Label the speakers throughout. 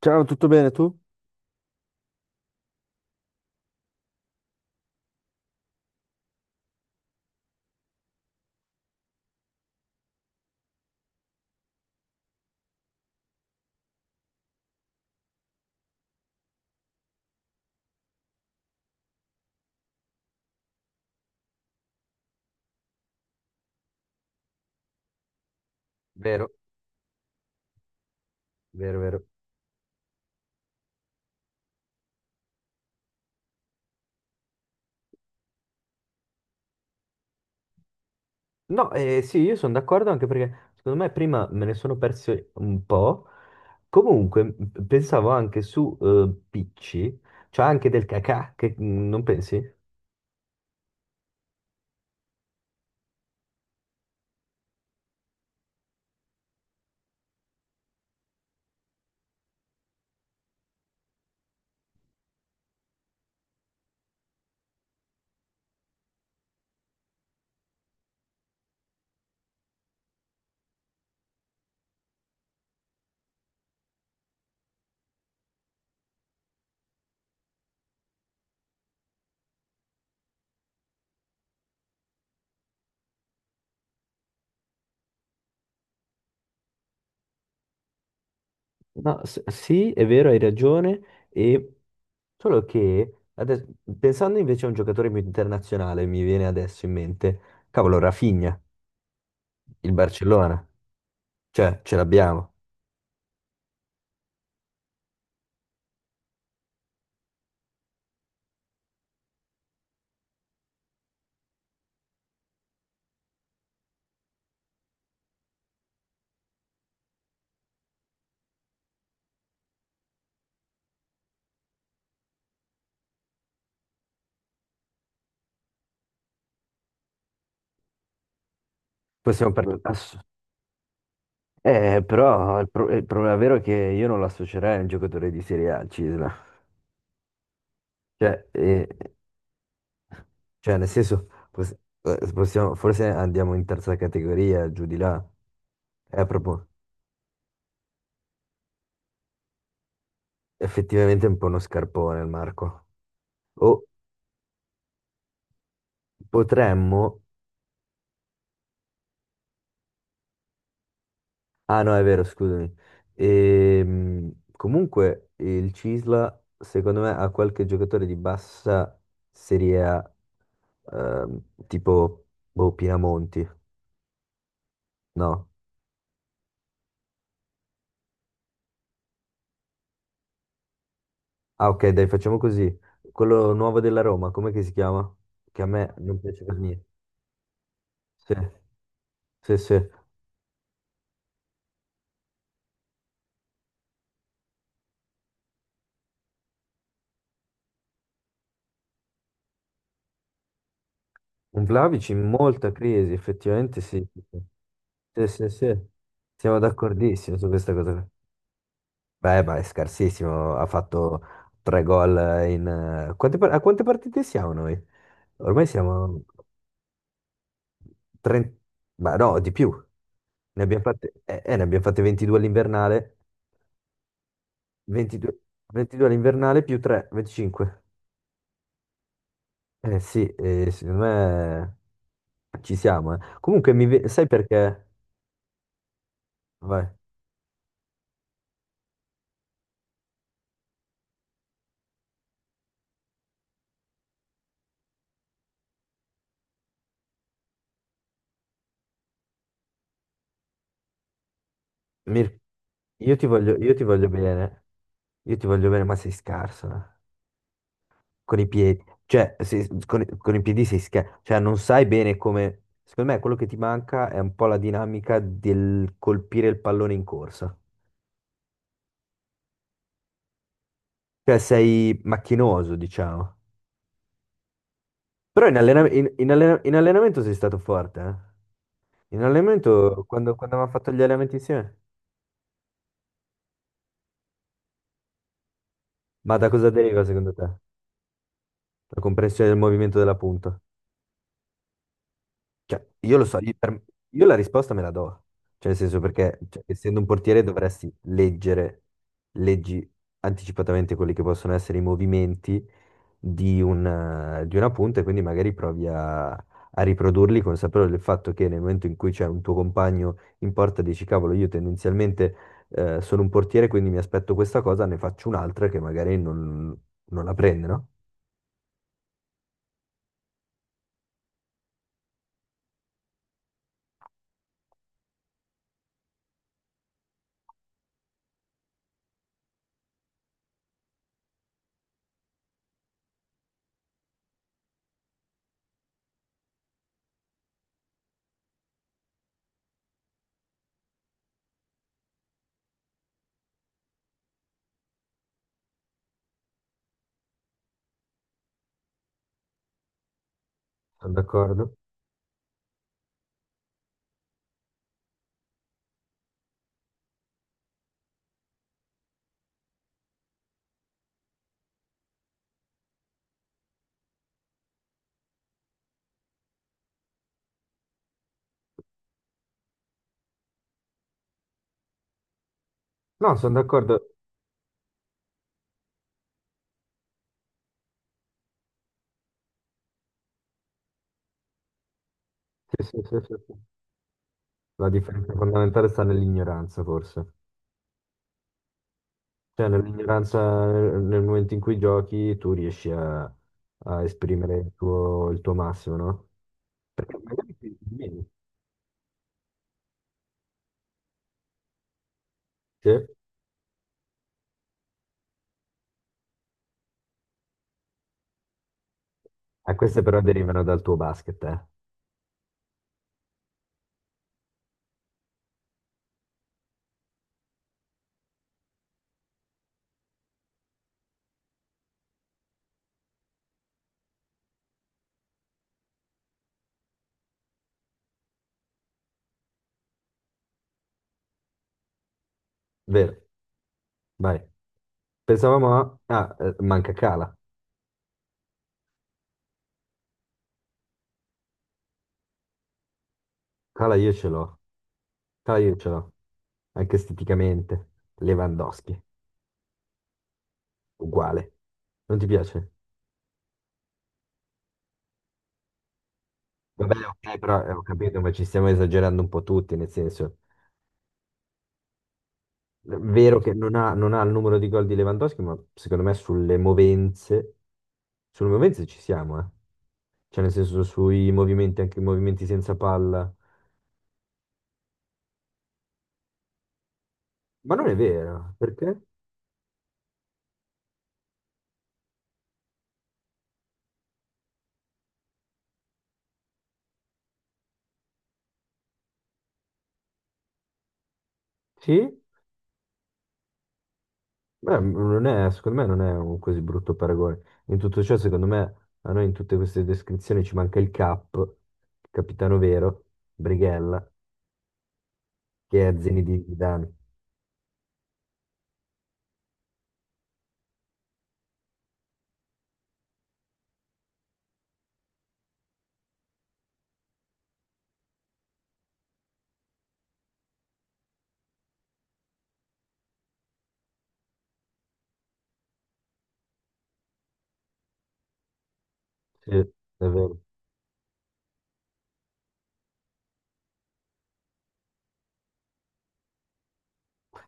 Speaker 1: Ciao, tutto bene tu? Vero, vero, vero. No, sì, io sono d'accordo anche perché secondo me prima me ne sono persi un po'. Comunque, pensavo anche su Picci, cioè anche del cacà, che non pensi? No, sì, è vero, hai ragione. E solo che adesso- pensando invece a un giocatore più internazionale, mi viene adesso in mente, cavolo, Rafinha, il Barcellona, cioè ce l'abbiamo. Possiamo parlare. Però il problema vero è che io non lo associerei a un giocatore di Serie A, al Cisla. Cioè, eh, cioè, nel senso, forse andiamo in terza categoria, giù di là. È proprio effettivamente un po' uno scarpone il Marco. O potremmo. Ah no, è vero, scusami. Comunque il Cisla, secondo me, ha qualche giocatore di bassa Serie A, ehm, tipo boh, Pinamonti, no? Ah, ok, dai, facciamo così. Quello nuovo della Roma, com'è che si chiama? Che a me non piace per niente. Sì, sì, sì. Un Vlahovic in molta crisi, effettivamente sì. Sì, sì, sì. Siamo d'accordissimo su questa cosa qua. Beh, ma è scarsissimo. Ha fatto tre gol in quante partite siamo noi? Ormai siamo 30. Ma no, di più. Ne abbiamo fatte 22 all'invernale. 22, 22 all'invernale più 3, 25. Eh sì, secondo me ci siamo. Comunque, sai perché? Vai, Mir- io ti voglio bene, io ti voglio bene, ma sei scarso, eh. Con i piedi, cioè, con i piedi sei scarso, cioè non sai bene come. Secondo me quello che ti manca è un po' la dinamica del colpire il pallone in corsa. Cioè sei macchinoso, diciamo. Però in allenamento sei stato forte, eh. In allenamento, quando abbiamo fatto gli allenamenti insieme. Ma da cosa deriva secondo te? La comprensione del movimento della punta? Cioè, io lo so. Io la risposta me la do. Cioè, nel senso perché, cioè, essendo un portiere, dovresti leggere, leggi anticipatamente quelli che possono essere i movimenti di una punta e quindi magari provi a riprodurli consapevole del fatto che nel momento in cui c'è un tuo compagno in porta dici, cavolo, io tendenzialmente sono un portiere, quindi mi aspetto questa cosa, ne faccio un'altra che magari non la prende, no? Sono d'accordo. No, sono d'accordo. Sì, sì, sì, sì, sì. La differenza fondamentale sta nell'ignoranza, forse. Cioè, nell'ignoranza, nel momento in cui giochi, tu riesci a esprimere il tuo massimo, no? Perché magari ti dimentichi. Sì. Ah, queste però derivano dal tuo basket, eh. Vero, vai. Ah, manca Cala. Cala io ce l'ho. Cala io ce l'ho. Anche esteticamente. Lewandowski, uguale. Non ti piace? Vabbè, ok, però ho capito, ma ci stiamo esagerando un po' tutti, nel senso, è vero che non ha il numero di gol di Lewandowski, ma secondo me sulle movenze ci siamo, eh. Cioè nel senso sui movimenti, anche i movimenti senza palla. Ma non è vero, perché? Sì? Beh, non è, secondo me non è un così brutto paragone. In tutto ciò, secondo me, a noi in tutte queste descrizioni ci manca il Cap, il capitano vero, Brighella, che è Zenedine Zidane. Sì, è vero.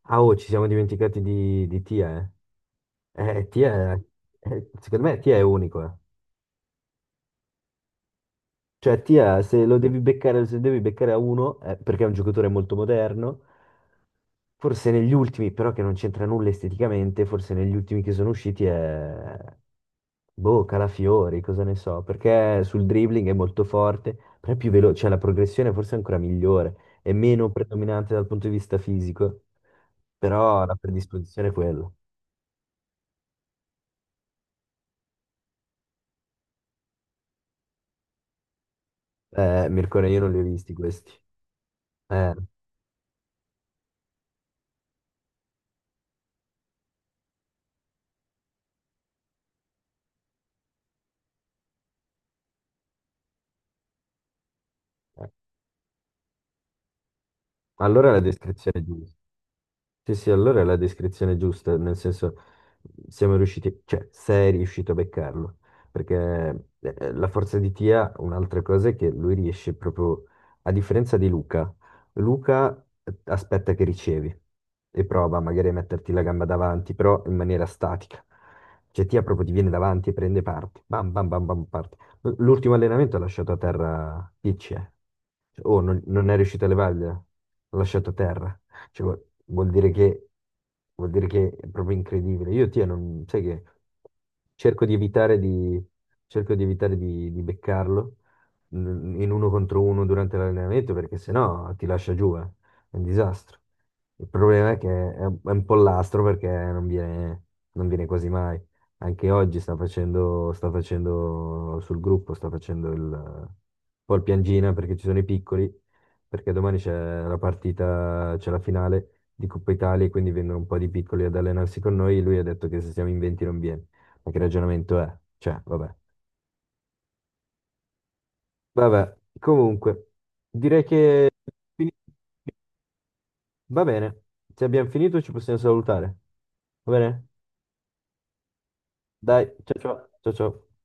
Speaker 1: Ah, oh, ci siamo dimenticati di Tia, eh. Tia, secondo me Tia è unico, eh. Cioè, Tia, se lo devi beccare, se devi beccare a uno, perché è un giocatore molto moderno, forse negli ultimi, però che non c'entra nulla esteticamente, forse negli ultimi che sono usciti è. Boh, Calafiori, cosa ne so, perché sul dribbling è molto forte, però è più veloce, cioè la progressione forse è ancora migliore, è meno predominante dal punto di vista fisico, però la predisposizione è quella. Mircone, io non li ho visti questi. Eh, eh. Allora è la descrizione giusta. Sì, sì, allora è la descrizione giusta, nel senso siamo riusciti, cioè sei riuscito a beccarlo, perché la forza di Tia, un'altra cosa è che lui riesce proprio, a differenza di Luca, Luca aspetta che ricevi e prova magari a metterti la gamba davanti, però in maniera statica. Cioè Tia proprio ti viene davanti e prende parte, bam bam bam bam parte. L'ultimo allenamento ha lasciato a terra Peach, eh. Cioè, oh, non è riuscito a levargliela, l'ha lasciato a terra. Cioè, vuol dire che è proprio incredibile. Io, ti non, sai che cerco di evitare di, cerco di, evitare di beccarlo in uno contro uno durante l'allenamento perché sennò ti lascia giù, eh. È un disastro. Il problema è che è un pollastro perché non viene quasi mai. Anche oggi sta facendo sul gruppo, sta facendo un po' il piangina perché ci sono i piccoli perché domani c'è la partita, c'è la finale di Coppa Italia, e quindi vengono un po' di piccoli ad allenarsi con noi. Lui ha detto che se siamo in 20 non viene. Ma che ragionamento è? Cioè, vabbè. Vabbè, comunque, direi che fini- va bene. Se abbiamo finito ci possiamo salutare. Va bene? Dai, ciao ciao. Ciao ciao.